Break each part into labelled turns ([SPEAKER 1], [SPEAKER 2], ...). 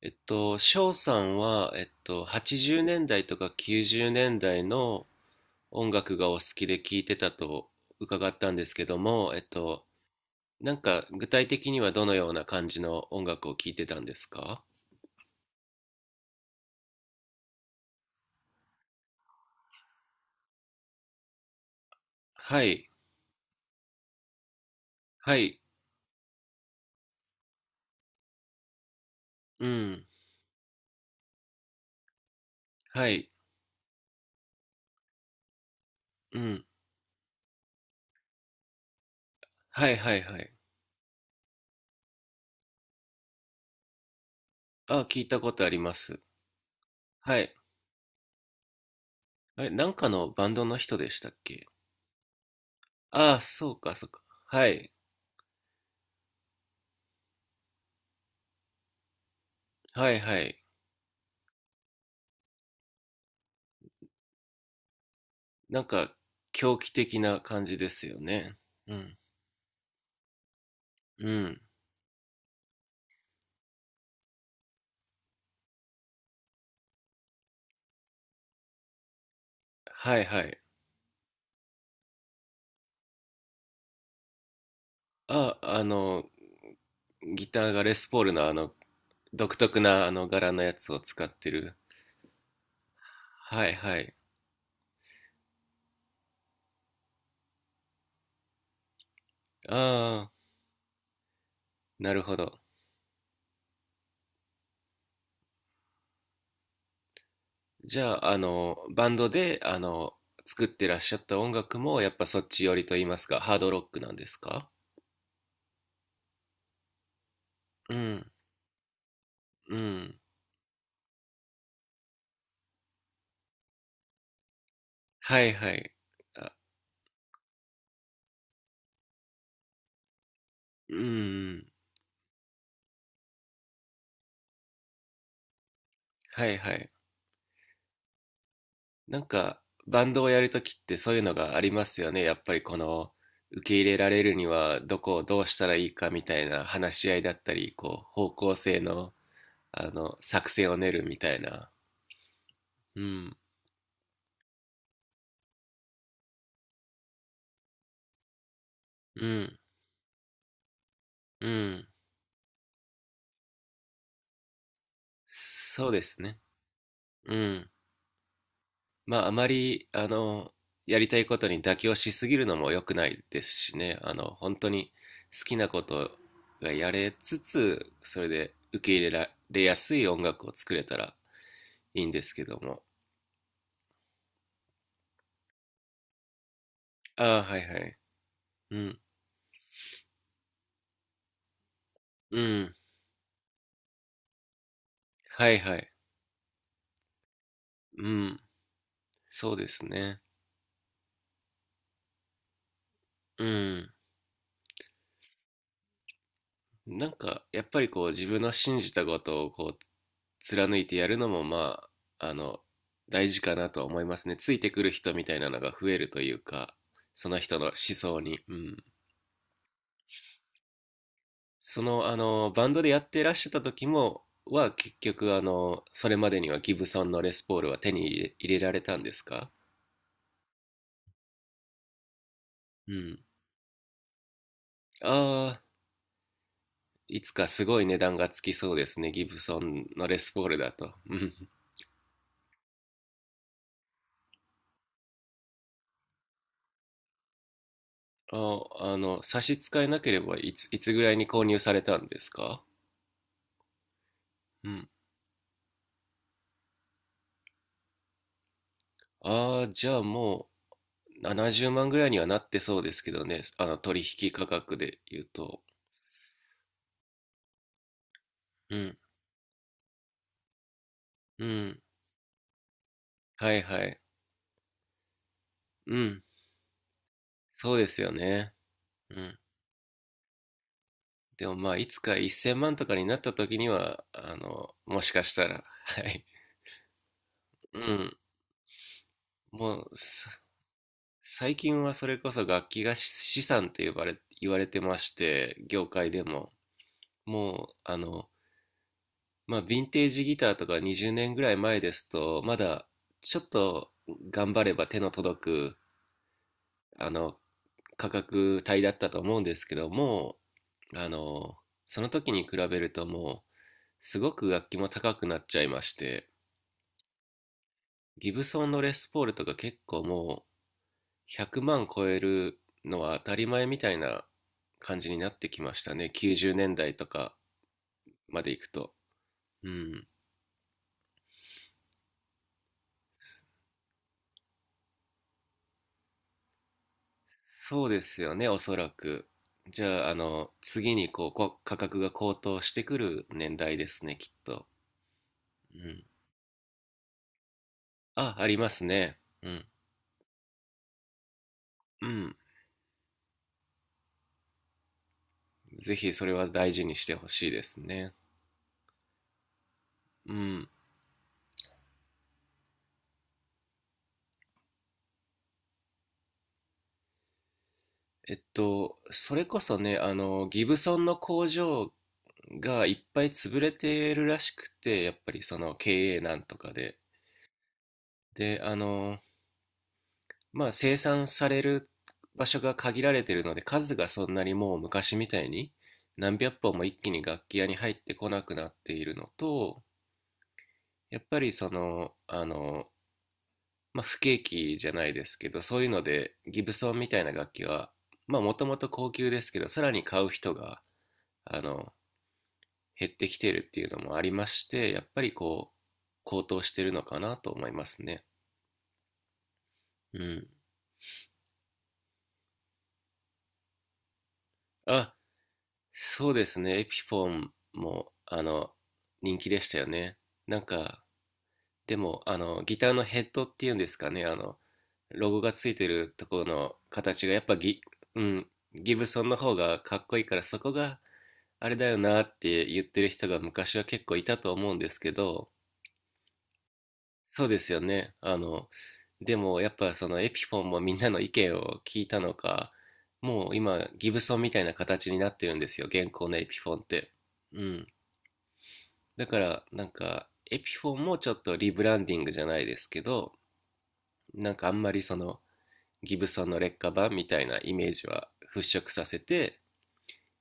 [SPEAKER 1] 翔さんは、80年代とか90年代の音楽がお好きで聴いてたと伺ったんですけども、なんか具体的にはどのような感じの音楽を聴いてたんですか？はい、はい、うん、はい、うん、はい、はい、はい。あ、聞いたことあります。はい。あれ、なんかのバンドの人でしたっけ？ああ、そうか、そうか。はい、はい、はい。なんか、狂気的な感じですよね。うん。うん。はいはい。あ、あの、ギターがレスポールのあの、独特なあの柄のやつを使ってる。はいはい。ああ、なるほど。じゃあ、あの、バンドで、あの、作ってらっしゃった音楽も、やっぱそっち寄りと言いますか、ハードロックなんですか？うん、うん。はいはい。あ、うん、はいはい。なんか、バンドをやるときってそういうのがありますよね。やっぱりこの、受け入れられるにはどこをどうしたらいいかみたいな話し合いだったり、こう、方向性の、あの、作戦を練るみたいな。うん、うん、うん。そうですね。うん。まあ、あまり、あの、やりたいことに妥協しすぎるのも良くないですしね。あの、本当に好きなことがやれつつ、それで受け入れられやすい音楽を作れたらいいんですけども。ああ、はいはい。うん。うん。はいはい。うん。そうですね。うん。なんか、やっぱりこう、自分の信じたことをこう、貫いてやるのも、まあ、あの、大事かなとは思いますね。ついてくる人みたいなのが増えるというか、その人の思想に。うん。その、あの、バンドでやってらっしゃった時も、は結局、あの、それまでにはギブソンのレスポールは手に入れられたんですか？うん。ああ、いつかすごい値段がつきそうですね、ギブソンのレスポールだと。うん。あ、あの、差し支えなければいつぐらいに購入されたんですか？うん。ああ、じゃあもう70万ぐらいにはなってそうですけどね、あの取引価格で言うと。うん、うん、はいはい。うん、そうですよね。うん。でもまあ、いつか1000万とかになった時には、あの、もしかしたら、はい。うん。もう最近はそれこそ楽器が資産と呼ばれ、言われてまして、業界でも。もう、あの、まあ、ヴィンテージギターとか20年ぐらい前ですと、まだちょっと頑張れば手の届く、あの、価格帯だったと思うんですけども、あの、その時に比べるともう、すごく楽器も高くなっちゃいまして、ギブソンのレスポールとか結構も100万超えるのは当たり前みたいな感じになってきましたね。90年代とかまで行くと。うん。そそうですよね、おそらく。じゃあ、あの、次にこう、価格が高騰してくる年代ですね、きっと。うん。あ、ありますね。うん。うん。ぜひそれは大事にしてほしいですね。うん。それこそね、あの、ギブソンの工場がいっぱい潰れてるらしくて、やっぱりその経営難とかで。で、あの、まあ生産される場所が限られてるので、数がそんなにもう昔みたいに何百本も一気に楽器屋に入ってこなくなっているのと、やっぱりその、あの、まあ不景気じゃないですけど、そういうのでギブソンみたいな楽器は、まあもともと高級ですけど、さらに買う人が、あの、減ってきているっていうのもありまして、やっぱりこう、高騰してるのかなと思いますね。うん。あ、そうですね。エピフォンも、あの、人気でしたよね。なんか、でも、あの、ギターのヘッドっていうんですかね、あの、ロゴがついてるところの形が、やっぱうん、ギブソンの方がかっこいいから、そこがあれだよなって言ってる人が昔は結構いたと思うんですけど、そうですよね。あの、でもやっぱそのエピフォンもみんなの意見を聞いたのか、もう今ギブソンみたいな形になってるんですよ、現行のエピフォンって。うん。だからなんかエピフォンもちょっとリブランディングじゃないですけど、なんかあんまりそのギブソンの劣化版みたいなイメージは払拭させて、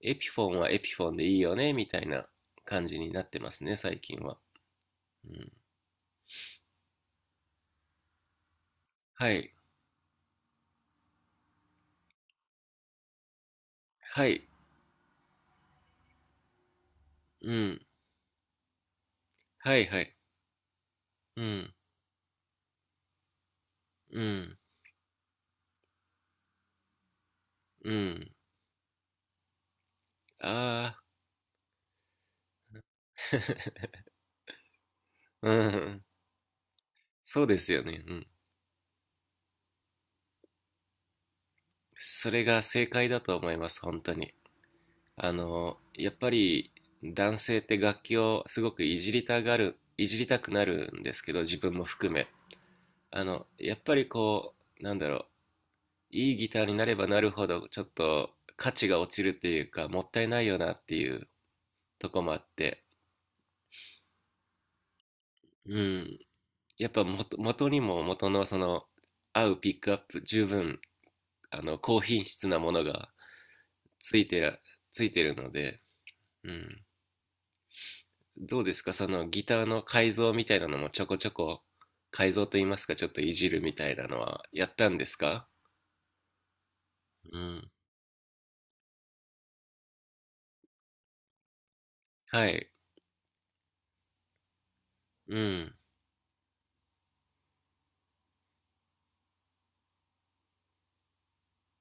[SPEAKER 1] エピフォンはエピフォンでいいよねみたいな感じになってますね、最近は。うん。はい。はい。うん。はいはい。うん。うん。うん。ああ、うん。そうですよね。うん。それが正解だと思います、本当に。あの、やっぱり男性って楽器をすごくいじりたがる、いじりたくなるんですけど、自分も含め。あの、やっぱりこう、なんだろう、いいギターになればなるほど、ちょっと価値が落ちるっていうか、もったいないよなっていうとこもあって、うん。やっぱ元、元にも元のその、合うピックアップ十分あの、高品質なものがついてら、ついてるので、うん。どうですかそのギターの改造みたいなのもちょこちょこ改造といいますか、ちょっといじるみたいなのはやったんですか？うん。はい。うん。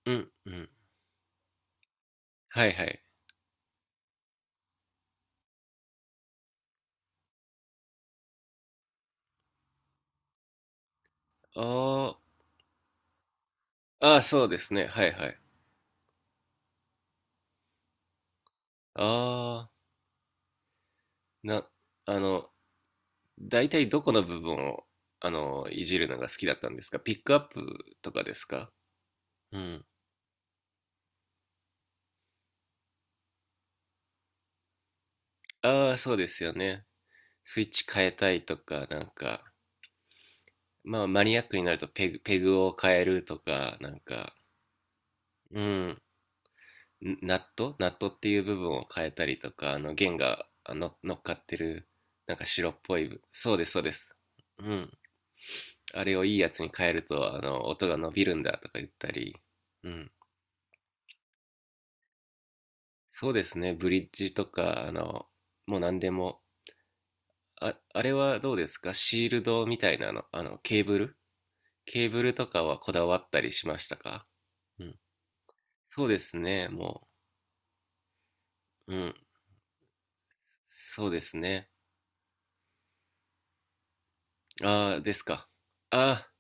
[SPEAKER 1] うん。うん。はいはい。あーああ、そうですね。はいはい。ああ、な、あの、大体どこの部分を、あの、いじるのが好きだったんですかピックアップとかですか？うん。ああ、そうですよね。スイッチ変えたいとか、なんか、まあマニアックになるとペグを変えるとか、なんか、うん、ナットっていう部分を変えたりとか、あの弦があの乗っかってる、なんか白っぽいそうです、そうです。うん。あれをいいやつに変えると、あの、音が伸びるんだとか言ったり、うん。そうですね、ブリッジとか、あの、もう何でも、あ、あれはどうですかシールドみたいなの、あの、ケーブルとかはこだわったりしましたか？うん。そうですね、もう。うん。そうですね。ああ、ですか。ああ、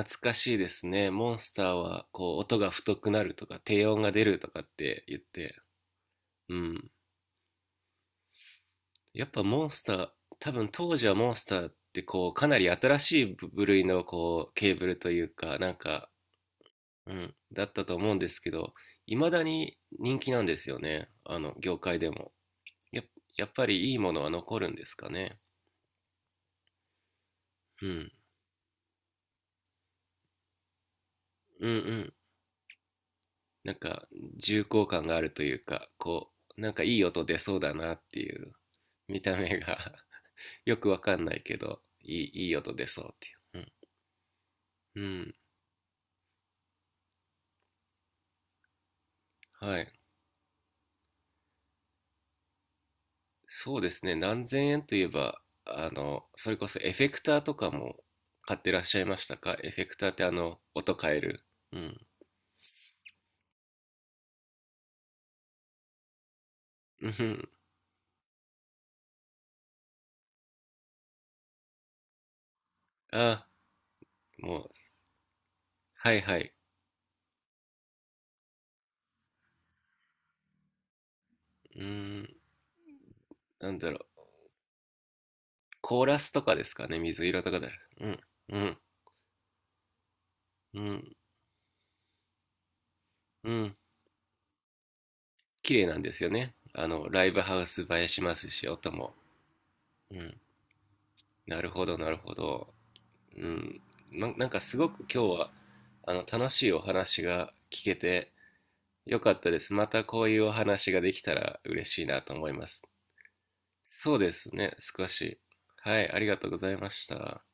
[SPEAKER 1] 懐かしいですね。モンスターは、こう、音が太くなるとか、低音が出るとかって言って。うん。やっぱモンスター、多分当時はモンスターって、こう、かなり新しい部類の、こう、ケーブルというか、なんか、うん、だったと思うんですけど、いまだに人気なんですよね。あの、業界でも。や、やっぱりいいものは残るんですかね。うん。うんうん。なんか、重厚感があるというか、こう、なんかいい音出そうだなっていう、見た目が よくわかんないけど、いい音出そうっていう。うん。うん。はい。そうですね。何千円といえば、あの、それこそエフェクターとかも買ってらっしゃいましたか？エフェクターってあの、音変える。うん。うん。あ、もう、はいはい。うーん、なんだろう。コーラスとかですかね、水色とかだ。うん、うん、うん、うん。綺麗なんですよね。あの、ライブハウス映えしますし、音も。うん。なるほど、なるほど。うん。なんかすごく今日は、あの、楽しいお話が聞けてよかったです。またこういうお話ができたら嬉しいなと思います。そうですね、少し。はい、ありがとうございました。